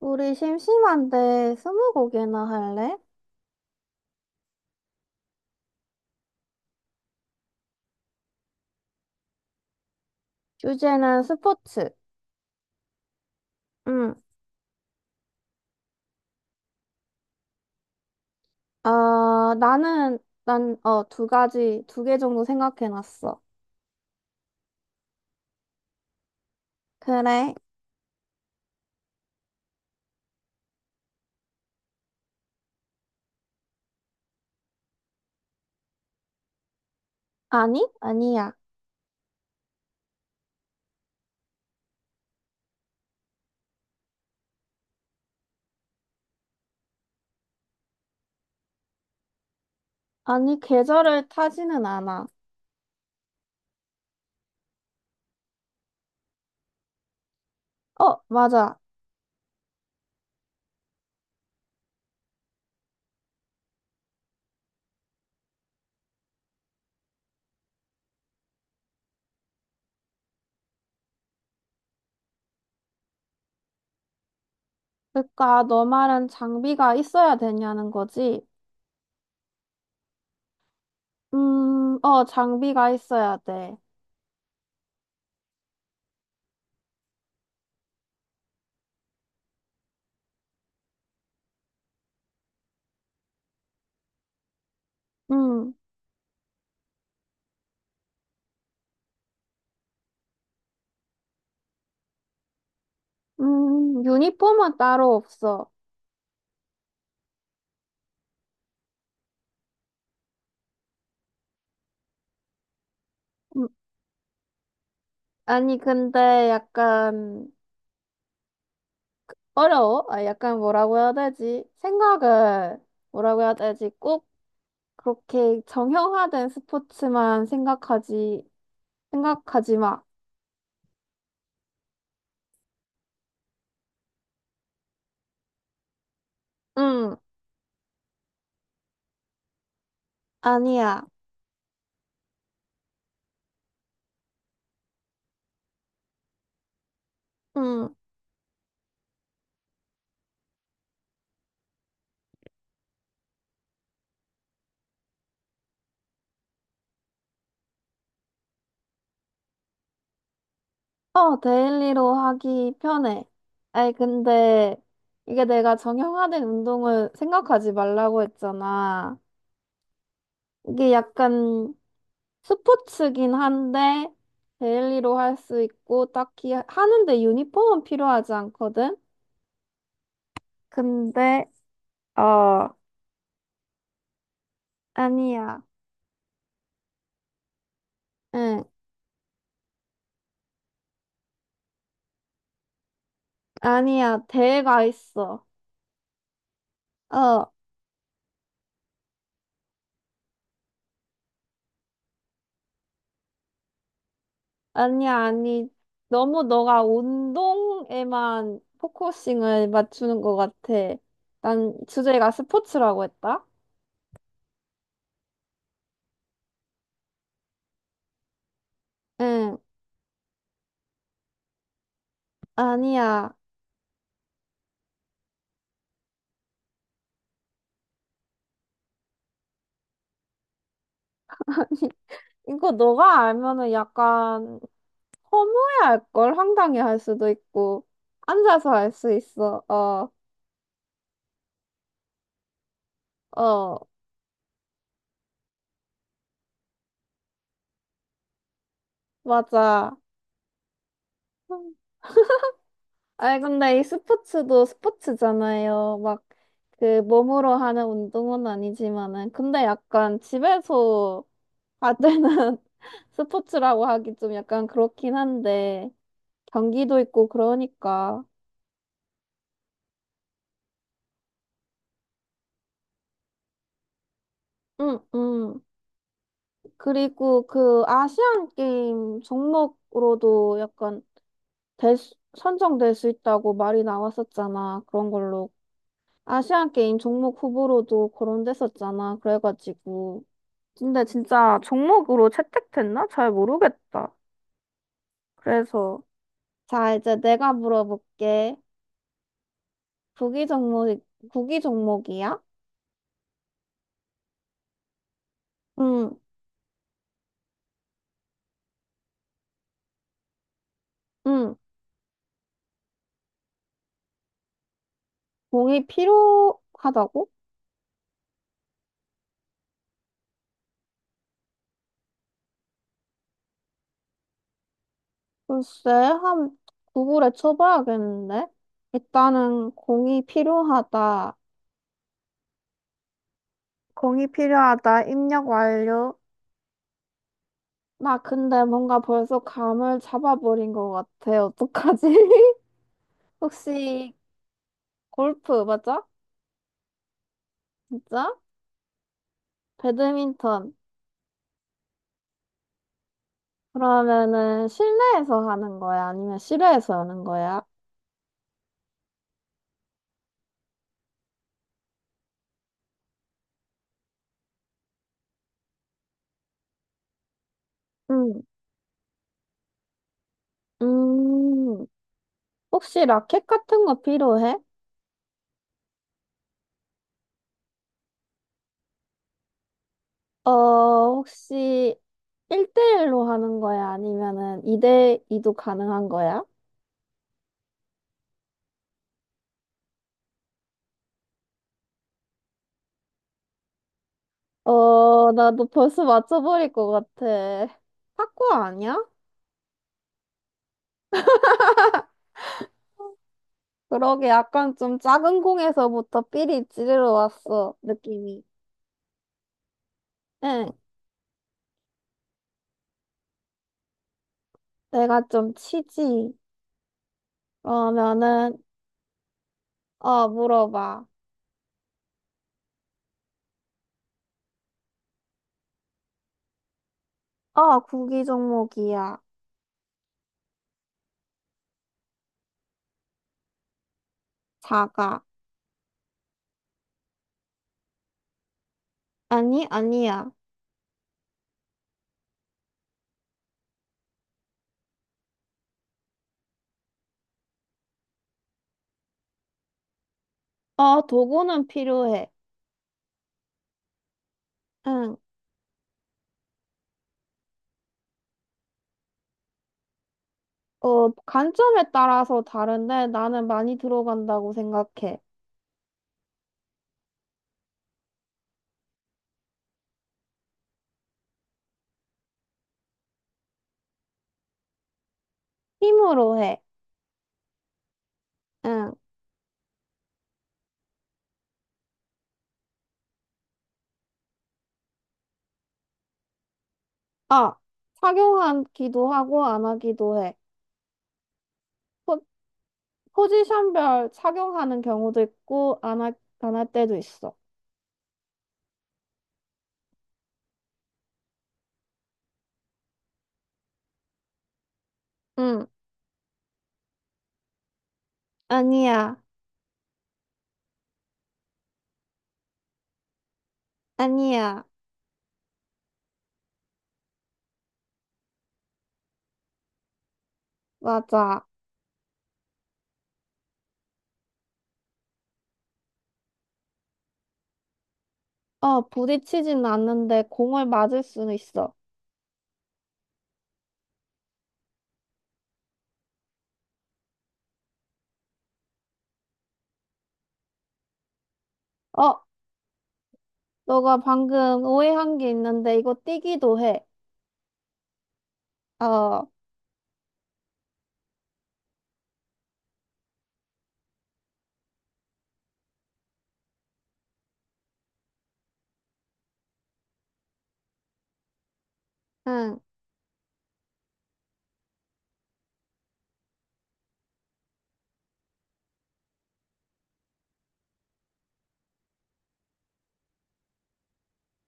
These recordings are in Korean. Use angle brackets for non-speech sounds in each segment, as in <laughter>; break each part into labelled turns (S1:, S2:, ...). S1: 우리 심심한데 스무고개나 할래? 주제는 스포츠. 응. 아, 나는 난 어 두 가지 두 개 정도 생각해놨어. 그래? 아니? 아니야. 아니 계절을 타지는 않아. 어, 맞아. 그러니까 너 말은 장비가 있어야 되냐는 거지? 장비가 있어야 돼. 음, 유니폼은 따로 없어. 음, 아니 근데 약간 어려워? 아, 약간 뭐라고 해야 되지? 생각을 뭐라고 해야 되지? 꼭 그렇게 정형화된 스포츠만 생각하지 마. 응, 아니야. 응. 어, 데일리로 하기 편해. 아니, 근데 이게 내가 정형화된 운동을 생각하지 말라고 했잖아. 이게 약간 스포츠긴 한데, 데일리로 할 수 있고, 딱히 하는데 유니폼은 필요하지 않거든? 근데 어, 아니야. 응, 아니야. 대가 있어. 어, 아니야, 아니. 너무 너가 운동에만 포커싱을 맞추는 것 같아. 난 주제가 스포츠라고 했다? 응, 아니야. <laughs> 이거 너가 알면은 약간 허무해할 걸 황당해할 수도 있고 앉아서 할 수 있어. 어, 어, 맞아. 아니, 근데 이 스포츠도 스포츠잖아요. 막, 그, 몸으로 하는 운동은 아니지만은. 근데 약간 집에서 하는 <laughs> 스포츠라고 하기 좀 약간 그렇긴 한데, 경기도 있고 그러니까. 응, 응. 그리고 그 아시안 게임 종목으로도 약간 될 수- 선정될 수 있다고 말이 나왔었잖아. 그런 걸로. 아시안 게임 종목 후보로도 거론됐었잖아. 그래가지고. 근데 진짜 종목으로 채택됐나? 잘 모르겠다. 그래서 자, 이제 내가 물어볼게. 구기 종목, 구기 종목이야? 응, 응. 공이 필요하다고? 글쎄, 한 구글에 쳐봐야겠는데? 일단은 공이 필요하다. 공이 필요하다. 입력 완료. 나 근데 뭔가 벌써 감을 잡아버린 것 같아. 어떡하지? <laughs> 혹시 골프 맞아? 진짜? 배드민턴. 그러면은 실내에서 하는 거야? 아니면 실외에서 하는 거야? 응. 음, 혹시 라켓 같은 거 필요해? 어, 혹시 1대1로 하는 거야? 아니면은 2대2도 가능한 거야? 어, 나도 벌써 맞춰버릴 것 같아. 탁구 아니야? 그러게 약간 좀 작은 공에서부터 삐리 찌르러 왔어, 느낌이. 응, 내가 좀 치지. 그러면은, 어, 물어봐. 아, 국기 종목이야. 사과. 아니, 아니야. 아, 도구는 필요해. 응. 어, 관점에 따라서 다른데 나는 많이 들어간다고 생각해. 힘으로 해. 응. 아, 착용하기도 하고 안 하기도 해. 포, 포지션별 착용하는 경우도 있고 안 할, 안할 때도 있어. 응. 아니야. 아니야. 맞아. 어, 부딪히진 않는데 공을 맞을 수는 있어. 어, 너가 방금 오해한 게 있는데 이거 띄기도 해. 어, 응.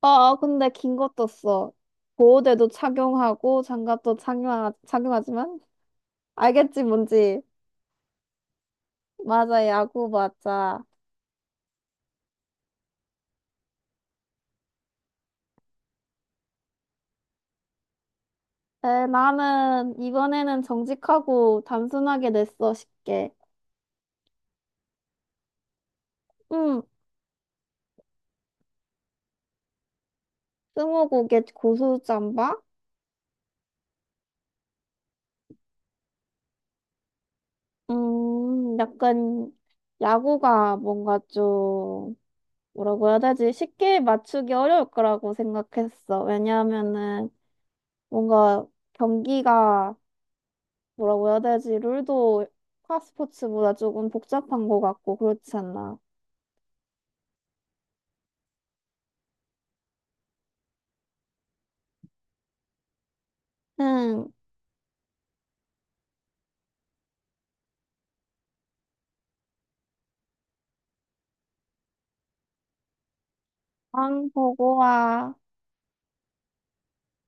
S1: 어, 어, 근데 긴 것도 써. 보호대도 착용하고 장갑도 착용하지만 알겠지 뭔지. 맞아, 야구 맞아. 에, 나는 이번에는 정직하고 단순하게 냈어, 쉽게. 음, 스무고개 고수잠바? 약간 야구가 뭔가 좀 뭐라고 해야 되지? 쉽게 맞추기 어려울 거라고 생각했어. 왜냐하면은 뭔가 경기가 뭐라고 해야 되지? 룰도 파스포츠보다 조금 복잡한 것 같고 그렇지 않나? 응, 왕 보고 와.